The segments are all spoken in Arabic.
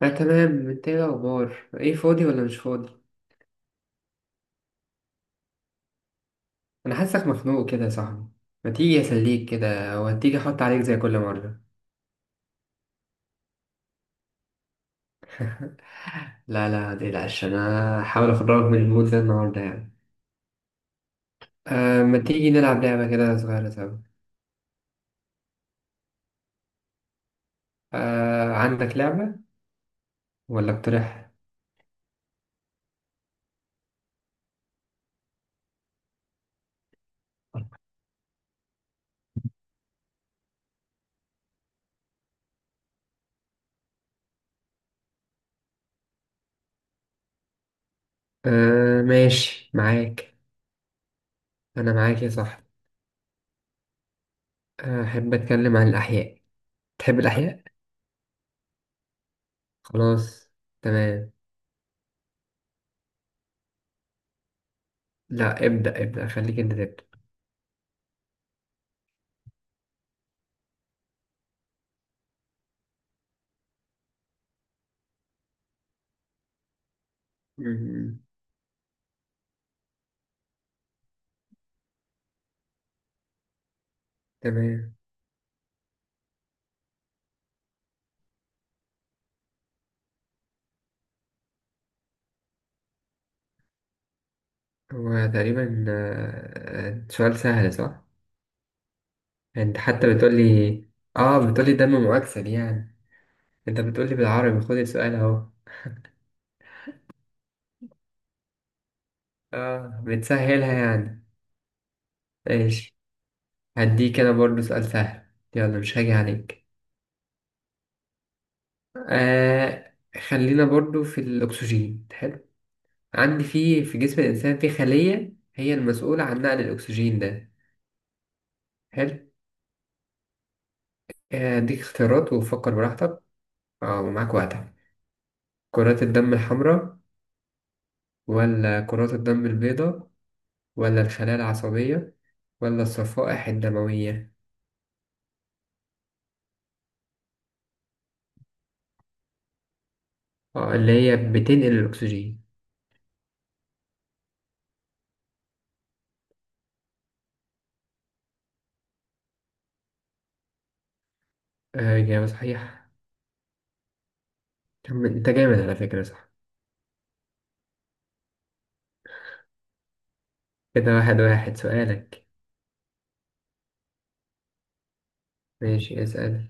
لا تمام. انت ايه الاخبار؟ ايه فاضي ولا مش فاضي؟ انا حاسك مخنوق كده يا صاحبي. ما تيجي اسليك كده؟ وهتيجي احط عليك زي كل مره. لا لا متقلقش، انا هحاول اخرجك من المود ده النهارده يعني. آه، ما تيجي نلعب لعبه كده صغيره سوا؟ آه، عندك لعبه ولا اقترح؟ آه ماشي معاك، انا معاك يا صاحبي. احب اتكلم عن الاحياء. تحب الاحياء. خلاص، تمام. لا ابدا ابدا، خليك انت تبدا. مم، تمام. هو تقريبا سؤال سهل، صح؟ انت حتى بتقولي، اه بتقولي دم مؤكسد يعني، انت بتقولي بالعربي، خد السؤال اهو. اه بتسهلها يعني. ايش، هديك انا برضو سؤال سهل، يلا مش هاجي عليك. آه، خلينا برضو في الاكسجين. حلو. عندي في جسم الانسان في خلية هي المسؤولة عن نقل الاكسجين ده. حلو. اديك اختيارات وفكر براحتك. اه ومعاك وقتك. كرات الدم الحمراء، ولا كرات الدم البيضاء، ولا الخلايا العصبية، ولا الصفائح الدموية؟ اه، اللي هي بتنقل الأكسجين. آه، إجابة صحيحة. طب أنت جامد على فكرة، صح؟ كده واحد واحد. سؤالك. ماشي اسأل.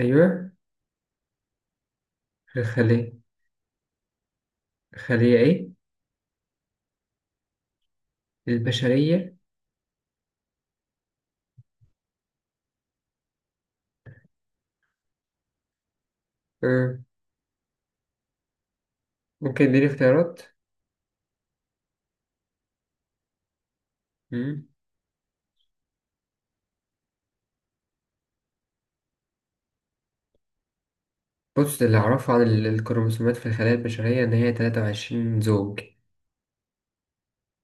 أيوة. الخلية، الخلية إيه؟ البشرية. آه. ممكن اديني اختيارات. مم. بص، اللي أعرفه عن الكروموسومات في الخلايا البشرية إن هي تلاتة وعشرين زوج.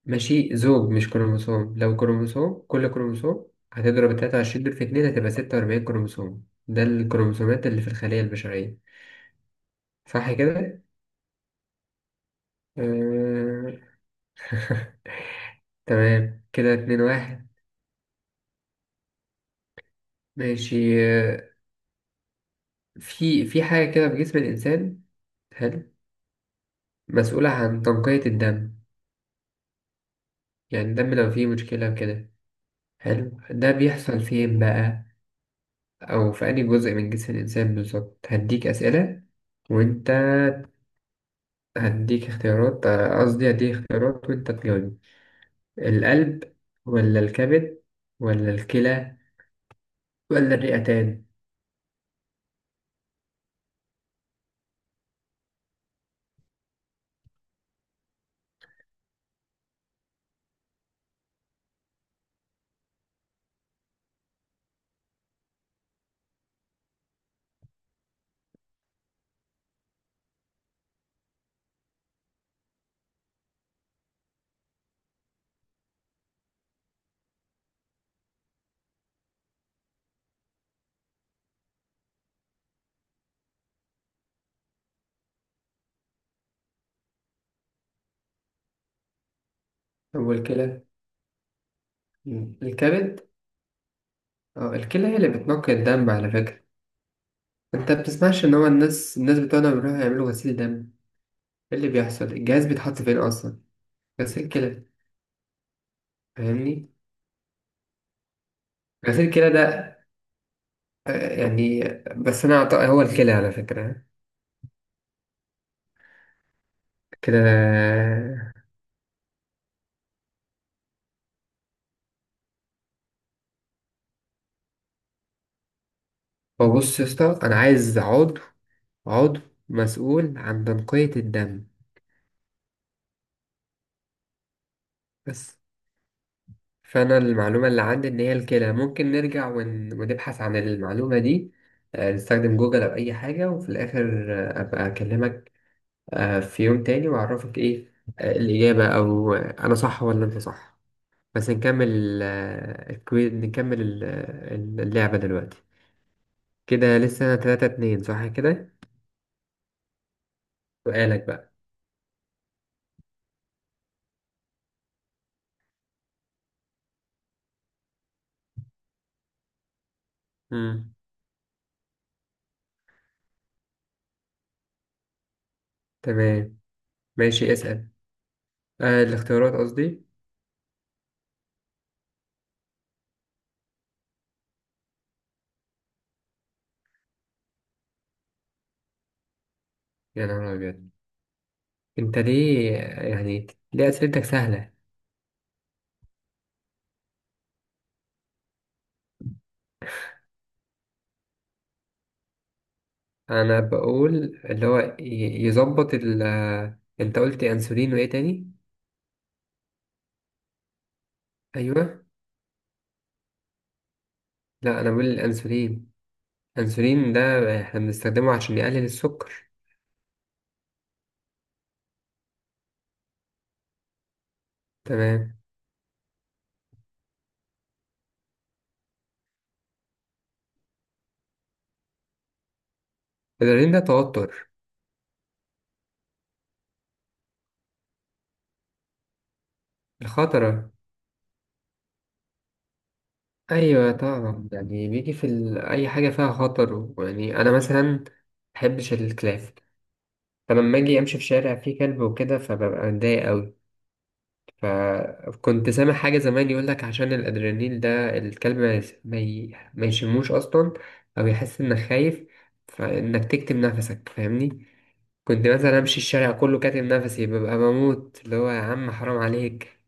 ماشي، زوج مش كروموسوم، لو كروموسوم كل كروموسوم هتضرب 23 دول في اتنين هتبقى 46 كروموسوم، ده الكروموسومات اللي في الخلية البشرية. صح كده؟ آه. تمام، كده اتنين واحد. ماشي. آه، في في حاجة كده في جسم الإنسان. حلو. مسؤولة عن تنقية الدم، يعني الدم لو فيه مشكلة كده. حلو، ده بيحصل فين بقى؟ أو في أي جزء من جسم الإنسان بالظبط. هديك أسئلة وأنت هديك اختيارات. قصدي هديك اختيارات وانت تجاوب. القلب، ولا الكبد، ولا الكلى، ولا الرئتان؟ هو الكلى. مم. الكبد. اه، الكلى هي اللي بتنقي الدم على فكرة. انت بتسمعش ان هو الناس بتوعنا بيروحوا يعملوا غسيل دم؟ ايه اللي بيحصل؟ الجهاز بيتحط فين اصلا؟ غسيل كلى. فاهمني؟ غسيل كلى ده، يعني، بس انا أعتقد هو الكلى على فكرة، كده. هو بص يا اسطى، انا عايز عضو، عضو مسؤول عن تنقية الدم بس. فأنا المعلومة اللي عندي إن هي الكلى. ممكن نرجع ونبحث عن المعلومة دي، آه، نستخدم جوجل أو أي حاجة، وفي الآخر آه، أبقى أكلمك آه، في يوم تاني وأعرفك إيه آه، الإجابة، أو آه، أنا صح ولا أنت صح. بس نكمل آه، الكوي... نكمل ال- آه، اللعبة دلوقتي. كده لسه تلاتة اتنين، صح كده؟ سؤالك بقى. مم. تمام، ماشي اسأل. آه، الاختيارات قصدي. يا نهار أبيض، انت ليه يعني؟ ليه اسئلتك سهله؟ انا بقول اللي هو يظبط ال. انت قلت انسولين وايه تاني؟ ايوه. لا انا بقول الانسولين. الانسولين ده احنا بنستخدمه عشان يقلل السكر. تمام. الادرينالين ده توتر. الخطره. ايوه طبعا، يعني بيجي في ال... اي حاجه فيها خطر. يعني انا مثلا محبش الكلاب، فلما اجي امشي في شارع فيه كلب وكده فببقى متضايق أوي. فكنت سامع حاجة زمان، يقولك عشان الأدرينالين ده الكلب ما يس- ما ي- ما يشموش أصلا، أو يحس إنك خايف، فإنك تكتم نفسك، فاهمني؟ كنت مثلا أمشي الشارع كله كاتم نفسي، ببقى بموت، اللي هو يا عم حرام عليك.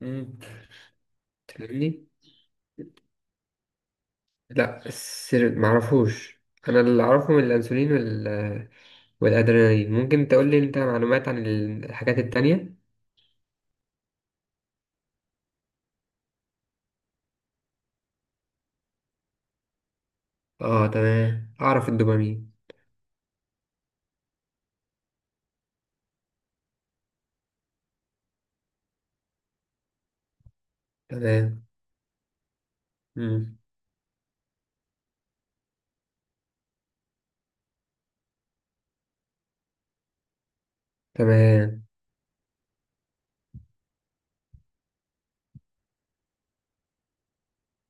مم. فاهمني؟ لا السر معرفوش. أنا اللي أعرفه من الأنسولين وال... والأدرينالين. ممكن تقولي أنت معلومات عن الحاجات التانية؟ آه تمام، أعرف الدوبامين. تمام. مم. تمام.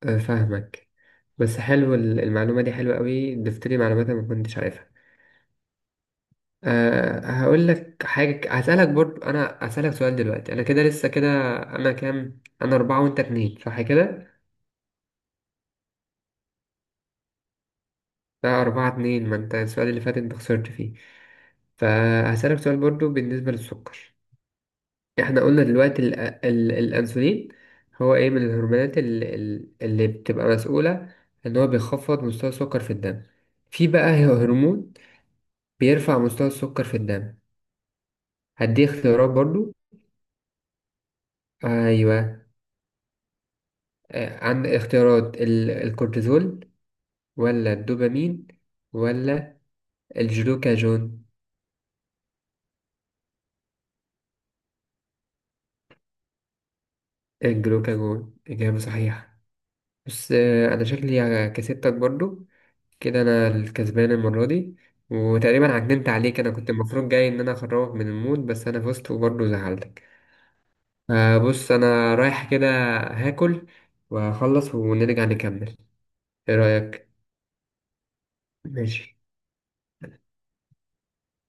آه، فاهمك. بس حلو المعلومة دي حلوة قوي، ضفت لي معلومات أنا ما كنتش عارفها. أه هقول لك حاجة، هسألك برضو، أنا هسألك سؤال دلوقتي، أنا كده لسه كده. أنا كام؟ أنا أربعة وأنت اتنين، صح كده؟ لا، أربعة اتنين، ما أنت السؤال اللي فات أنت خسرت فيه. فهسألك سؤال برضو بالنسبة للسكر. احنا قلنا دلوقتي ال الأنسولين هو ايه من الهرمونات اللي، اللي بتبقى مسؤولة ان هو بيخفض مستوى السكر في الدم. في بقى هرمون بيرفع مستوى السكر في الدم. هدي اختيارات برضو. ايوه. آه، عند اختيارات الكورتيزول، ولا الدوبامين، ولا الجلوكاجون؟ الجلوكاجون اجابه صحيحه. بس آه، انا شكلي كسبتك برضو، كده انا الكسبان المره دي. وتقريبا عجنت عليك، انا كنت المفروض جاي ان انا اخرجك من المود، بس انا فزت وبرضه زعلتك. آه بص، انا رايح كده هاكل واخلص ونرجع نكمل، ايه رايك؟ ماشي.